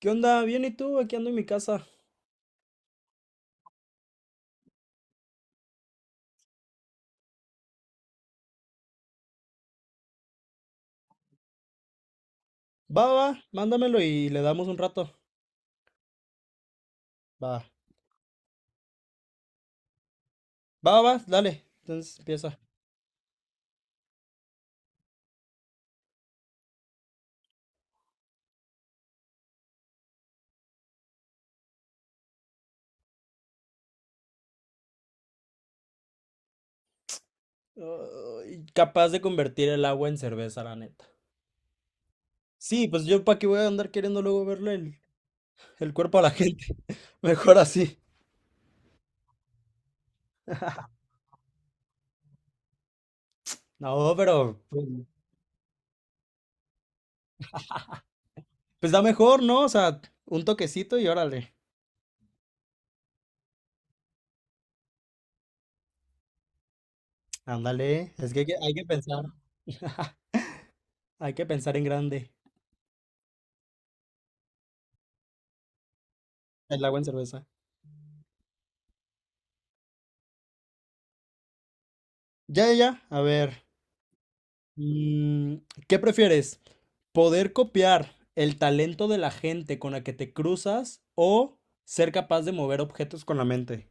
¿Qué onda? Bien, ¿y tú? Aquí ando en mi casa. Va, va, va, mándamelo y le damos un rato. Va, va, va, dale. Entonces empieza. Ay, capaz de convertir el agua en cerveza, la neta. Sí, pues yo para qué voy a andar queriendo luego verle el cuerpo a la gente. Mejor así. No, pero pues da mejor, ¿no? O sea, un toquecito y órale. Ándale, es que hay que pensar. Hay que pensar en grande. El agua en cerveza. Ya, ya, ya. A ver. Mm, ¿Qué prefieres? ¿Poder copiar el talento de la gente con la que te cruzas o ser capaz de mover objetos con la mente?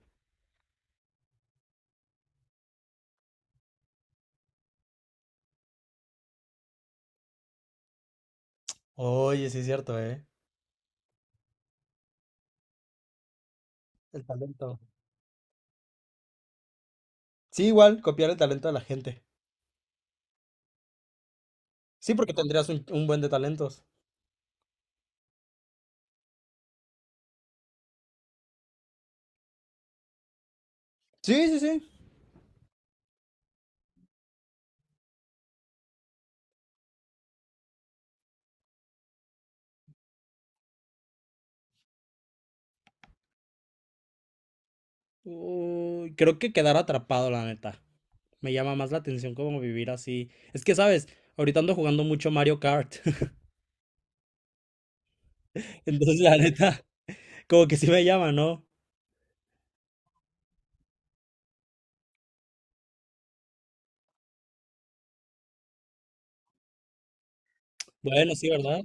Oye, sí es cierto, ¿eh? El talento. Sí, igual, copiar el talento de la gente. Sí, porque tendrías un buen de talentos. Sí, sí, sí. Uy, creo que quedar atrapado, la neta. Me llama más la atención como vivir así. Es que, ¿sabes? Ahorita ando jugando mucho Mario Kart. Entonces, la neta, como que sí me llama, ¿no? Bueno, sí, ¿verdad?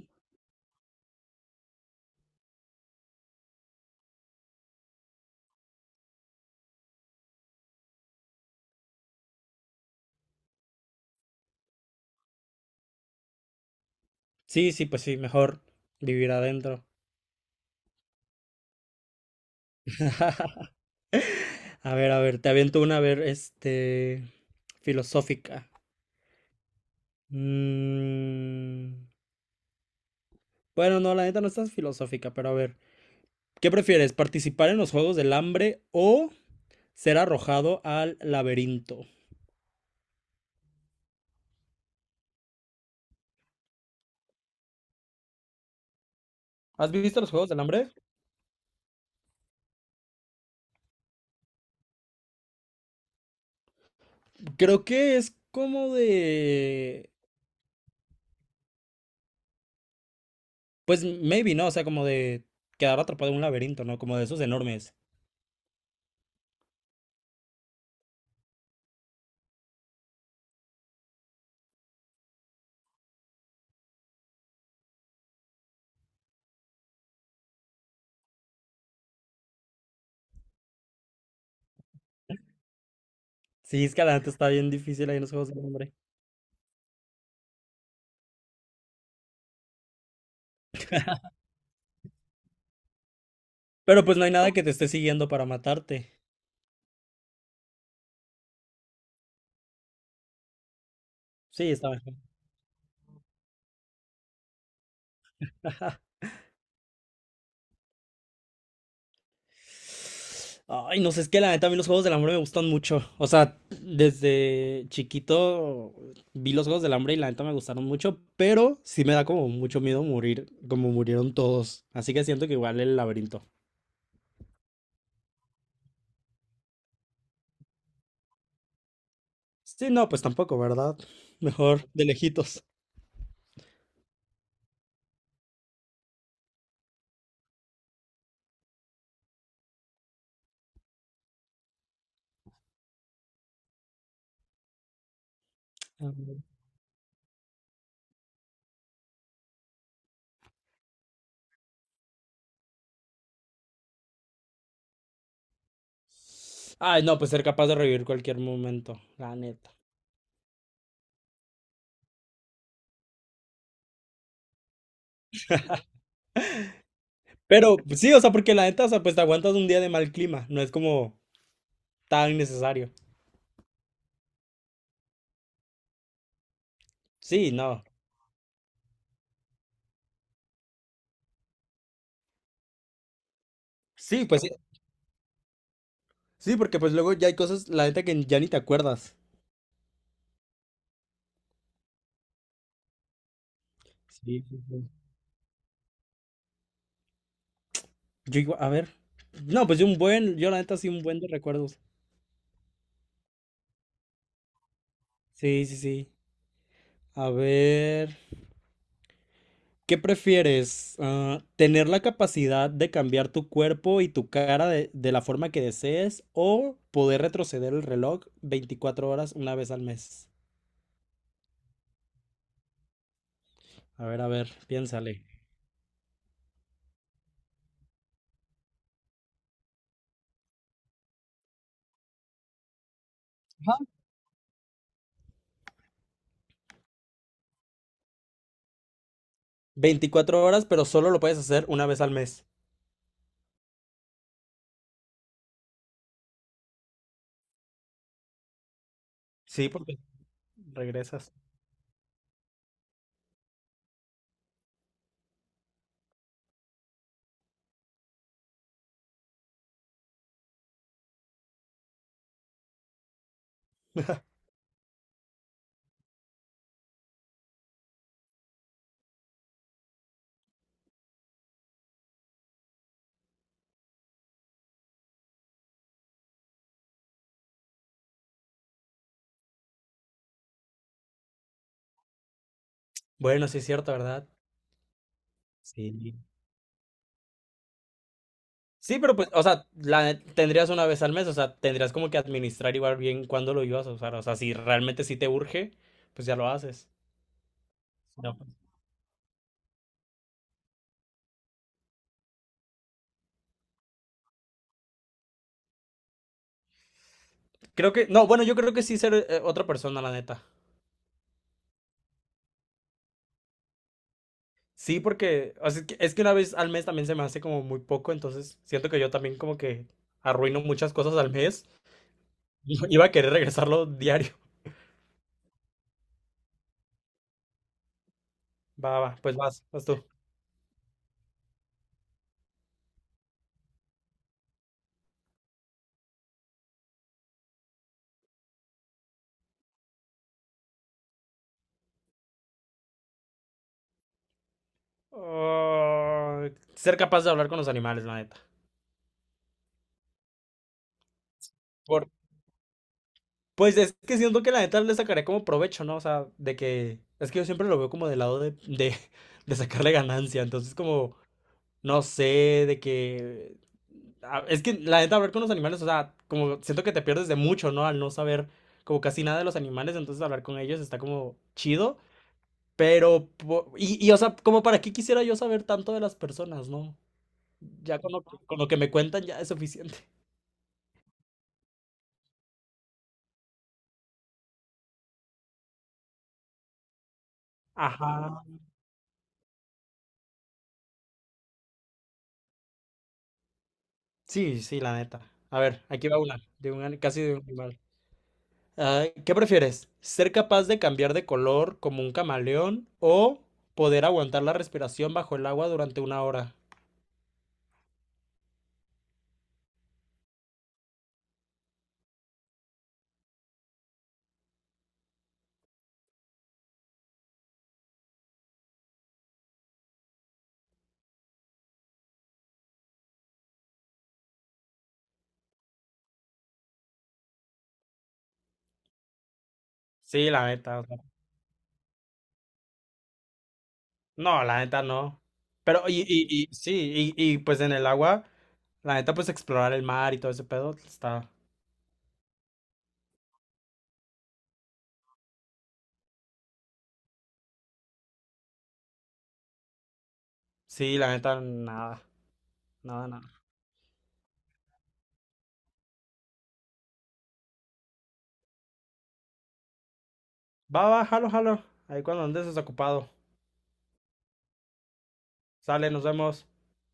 Sí, sí, pues sí, mejor vivir adentro. A ver, te aviento una, a ver, filosófica. Mm, bueno, no, la neta no estás filosófica, pero a ver, ¿qué prefieres, participar en los Juegos del Hambre o ser arrojado al laberinto? ¿Has visto los Juegos del Hambre? Creo que es como de, pues maybe, ¿no? O sea, como de quedar atrapado en un laberinto, ¿no? Como de esos enormes. Sí, es que la neta está bien difícil ahí en los Juegos del Hambre. Pero pues no hay nada que te esté siguiendo para matarte. Sí, está mejor. Ay, no sé, es que la neta a mí los Juegos del Hambre me gustan mucho. O sea, desde chiquito vi los Juegos del Hambre y la neta me gustaron mucho, pero sí me da como mucho miedo morir, como murieron todos. Así que siento que igual el laberinto. Sí, no, pues tampoco, ¿verdad? Mejor de lejitos. A ver. Ay, no, pues ser capaz de revivir cualquier momento, la neta. Pero pues, sí, o sea, porque la neta, o sea, pues te aguantas un día de mal clima. No es como tan necesario. Sí, no. Sí, pues sí, sí, porque pues luego ya hay cosas, la neta, que ya ni te acuerdas. Sí, sí, sí. Yo igual, a ver. No, pues yo un buen, yo la neta sí un buen de recuerdos. Sí, sí, sí. A ver, ¿qué prefieres? Ah, ¿tener la capacidad de cambiar tu cuerpo y tu cara de la forma que desees o poder retroceder el reloj 24 horas una vez al mes? A ver, piénsale. 24 horas, pero solo lo puedes hacer una vez al mes. Sí, porque regresas. Bueno, sí es cierto, ¿verdad? Sí. Sí, pero pues, o sea, la tendrías una vez al mes, o sea, tendrías como que administrar igual bien cuándo lo ibas a usar, o sea, si realmente sí te urge, pues ya lo haces. No, pues, creo que, no, bueno, yo creo que sí ser otra persona, la neta. Sí, porque, o sea, es que una vez al mes también se me hace como muy poco, entonces siento que yo también como que arruino muchas cosas al mes. Y iba a querer regresarlo diario. Va, va, pues vas, vas tú. Ah, ser capaz de hablar con los animales, la neta. Pues es que siento que la neta le sacaré como provecho, ¿no? O sea, de que. Es que yo siempre lo veo como del lado de, de sacarle ganancia. Entonces, como, no sé, de que. Es que la neta, hablar con los animales, o sea, como siento que te pierdes de mucho, ¿no? Al no saber como casi nada de los animales, entonces hablar con ellos está como chido. Pero, y o sea, como para qué quisiera yo saber tanto de las personas, ¿no? Ya con lo que me cuentan ya es suficiente. Ajá. Sí, sí, la neta. A ver, aquí va una, casi de un animal. Ah, ¿qué prefieres? ¿Ser capaz de cambiar de color como un camaleón o poder aguantar la respiración bajo el agua durante una hora? Sí, la neta, o sea, no, la neta no. Pero, y sí, y pues en el agua, la neta, pues explorar el mar y todo ese pedo está. Sí, la neta, nada, nada, nada. Va, va, jalo, jalo. Ahí cuando andes desocupado. Sale, nos vemos.